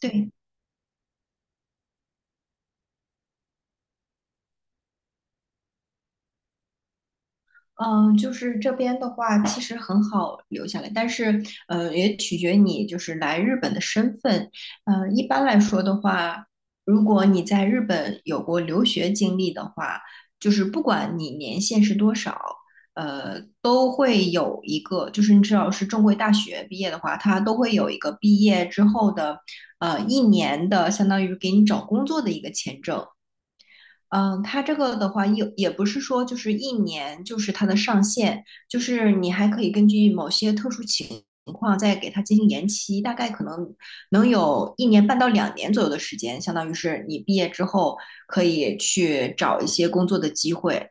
对，嗯、就是这边的话，其实很好留下来，但是，也取决你就是来日本的身份。一般来说的话，如果你在日本有过留学经历的话，就是不管你年限是多少，都会有一个，就是你只要是正规大学毕业的话，它都会有一个毕业之后的，一年的相当于给你找工作的一个签证。嗯，它这个的话也不是说就是一年就是它的上限，就是你还可以根据某些特殊情况再给它进行延期，大概可能能有1年半到2年左右的时间，相当于是你毕业之后可以去找一些工作的机会。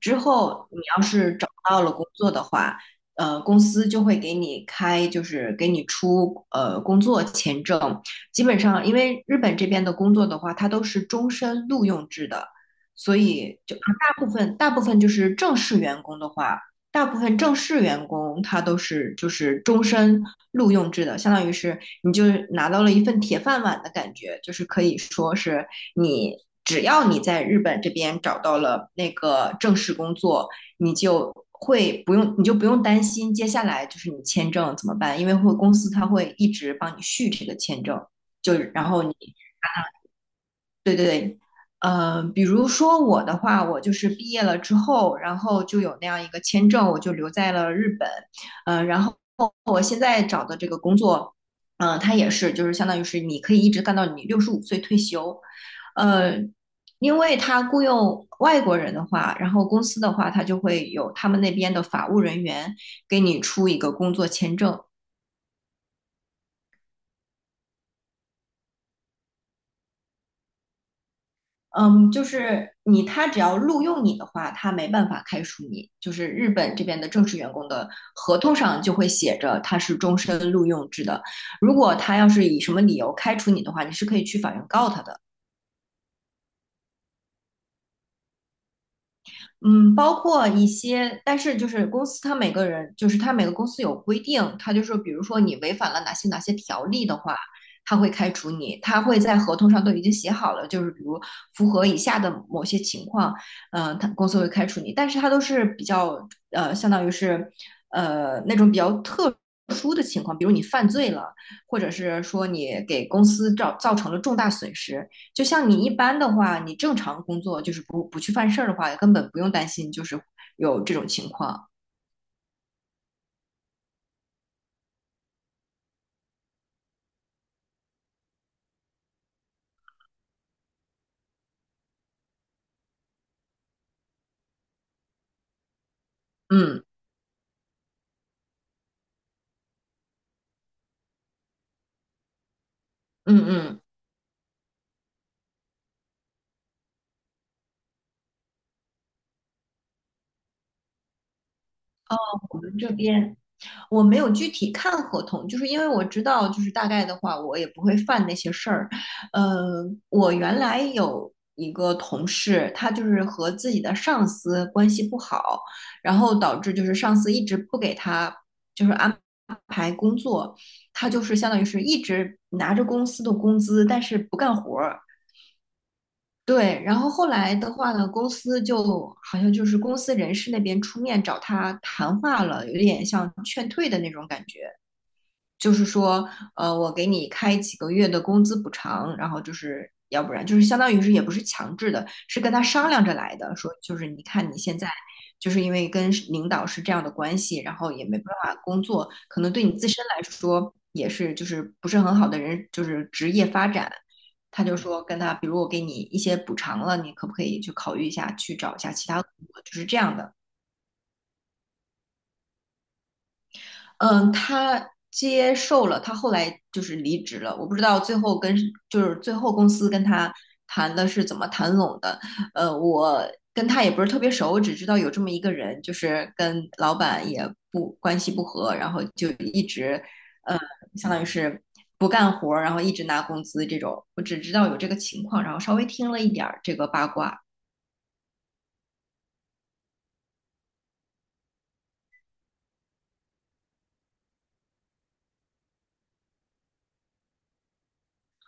之后你要是找到了工作的话，公司就会给你开，就是给你出工作签证。基本上，因为日本这边的工作的话，它都是终身录用制的，所以就大部分就是正式员工的话，大部分正式员工他都是就是终身录用制的，相当于是你就拿到了一份铁饭碗的感觉，就是可以说是你只要你在日本这边找到了那个正式工作，你就会不用，你就不用担心接下来就是你签证怎么办，因为会公司他会一直帮你续这个签证，就然后你对对对，比如说我的话，我就是毕业了之后，然后就有那样一个签证，我就留在了日本，然后我现在找的这个工作，它也是就是相当于是你可以一直干到你65岁退休，呃，因为他雇佣外国人的话，然后公司的话，他就会有他们那边的法务人员给你出一个工作签证，嗯，就是你，他只要录用你的话，他没办法开除你。就是日本这边的正式员工的合同上就会写着他是终身录用制的。如果他要是以什么理由开除你的话，你是可以去法院告他的。嗯，包括一些，但是就是公司，它每个人就是它每个公司有规定，它就说，比如说你违反了哪些条例的话，它会开除你，它会在合同上都已经写好了，就是比如符合以下的某些情况，它公司会开除你，但是他都是比较相当于是那种比较特殊的情况，比如你犯罪了，或者是说你给公司造成了重大损失，就像你一般的话，你正常工作就是不去犯事儿的话，根本不用担心就是有这种情况。嗯嗯嗯，我们这边。我没有具体看合同，就是因为我知道，就是大概的话，我也不会犯那些事儿。我原来有一个同事，他就是和自己的上司关系不好，然后导致就是上司一直不给他就是安排工作，他就是相当于是一直拿着公司的工资，但是不干活儿。对，然后后来的话呢，公司就好像就是公司人事那边出面找他谈话了，有点像劝退的那种感觉。就是说，我给你开几个月的工资补偿，然后就是要不然就是相当于是也不是强制的，是跟他商量着来的，说就是你看你现在就是因为跟领导是这样的关系，然后也没办法工作，可能对你自身来说也是就是不是很好的人，就是职业发展。他就说跟他，比如我给你一些补偿了，你可不可以去考虑一下，去找一下其他工作，就是这样的。嗯，他接受了，他后来就是离职了。我不知道最后跟就是最后公司跟他谈的是怎么谈拢的。我跟他也不是特别熟，我只知道有这么一个人，就是跟老板也不关系不和，然后就一直呃，相当于是不干活儿，然后一直拿工资这种。我只知道有这个情况，然后稍微听了一点儿这个八卦。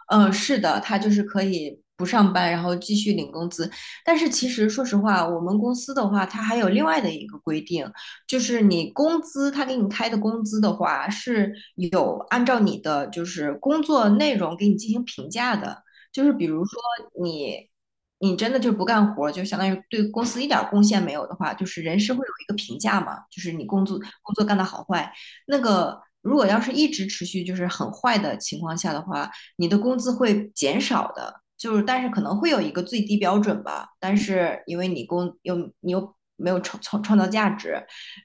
嗯，是的，他就是可以不上班，然后继续领工资。但是其实说实话，我们公司的话，它还有另外的一个规定，就是你工资，他给你开的工资的话，是有按照你的就是工作内容给你进行评价的。就是比如说你，你真的就不干活儿，就相当于对公司一点儿贡献没有的话，就是人事会有一个评价嘛，就是你工作干的好坏。那个如果要是一直持续就是很坏的情况下的话，你的工资会减少的。就是但是可能会有一个最低标准吧，但是因为你工又你又没有创造价值，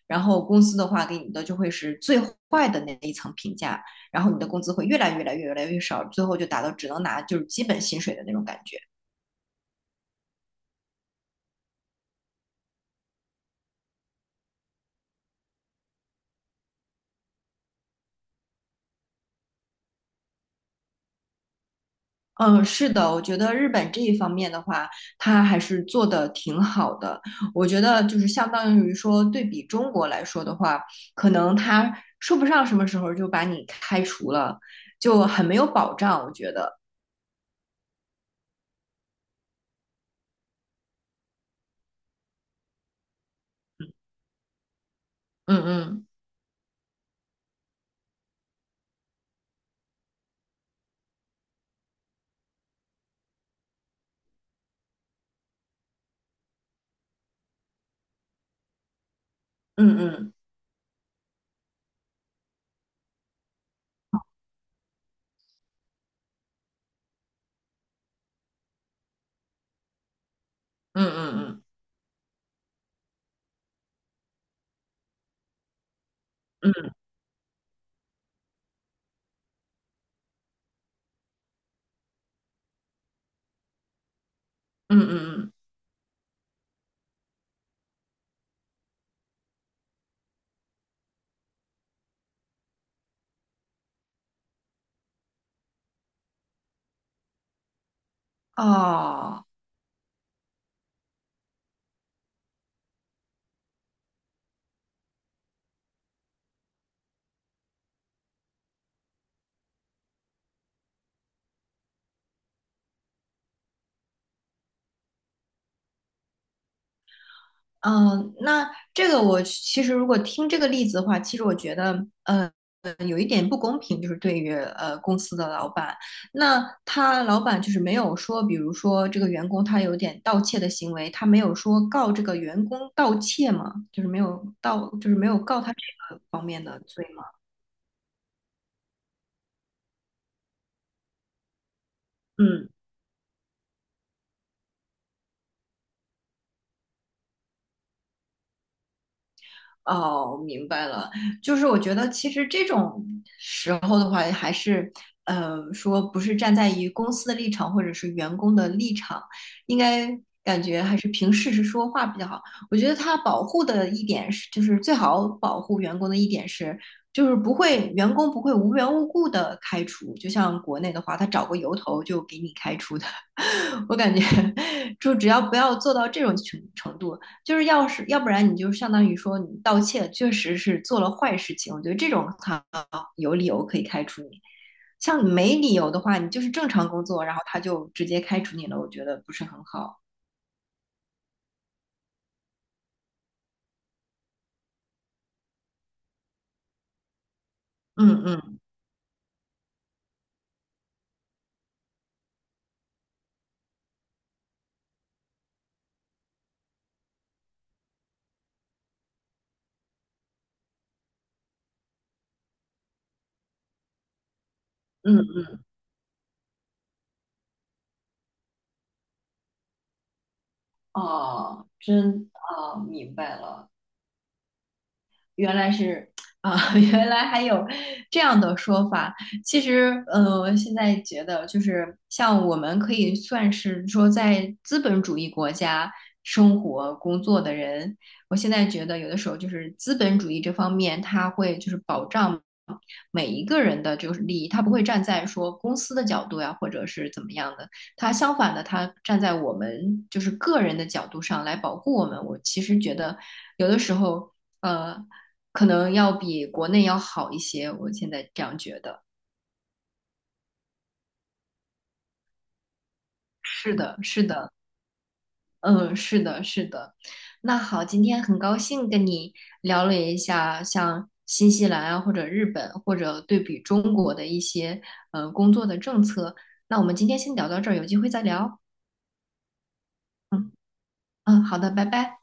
然后公司的话给你的就会是最坏的那一层评价，然后你的工资会越来越少，最后就达到只能拿就是基本薪水的那种感觉。嗯，是的，我觉得日本这一方面的话，它还是做的挺好的。我觉得就是相当于说，对比中国来说的话，可能它说不上什么时候就把你开除了，就很没有保障。我觉得，嗯嗯嗯嗯嗯嗯嗯，嗯嗯嗯嗯，哦。嗯，那这个我其实如果听这个例子的话，其实我觉得，有一点不公平，就是对于公司的老板，那他老板就是没有说，比如说这个员工他有点盗窃的行为，他没有说告这个员工盗窃吗？就是没有盗，就是没有告他这个方面的罪吗？嗯。哦，明白了，就是我觉得其实这种时候的话，还是说不是站在于公司的立场或者是员工的立场，应该感觉还是凭事实说话比较好。我觉得他保护的一点是，就是最好保护员工的一点是，就是不会员工不会无缘无故的开除，就像国内的话，他找个由头就给你开除的。我感觉 就只要不要做到这种程度，就是要是要不然你就相当于说你盗窃确实是做了坏事情，我觉得这种他有理由可以开除你。像没理由的话，你就是正常工作，然后他就直接开除你了，我觉得不是很好。嗯嗯嗯，哦，真哦，明白了。原来是啊、原来还有这样的说法。其实，现在觉得就是像我们可以算是说在资本主义国家生活工作的人，我现在觉得有的时候就是资本主义这方面，他会就是保障。每一个人的就是利益，他不会站在说公司的角度呀，或者是怎么样的，他相反的，他站在我们就是个人的角度上来保护我们。我其实觉得有的时候，呃，可能要比国内要好一些，我现在这样觉得。是的，是的，嗯，是的，是的。那好，今天很高兴跟你聊了一下像新西兰啊，或者日本，或者对比中国的一些工作的政策。那我们今天先聊到这儿，有机会再聊。嗯嗯，好的，拜拜。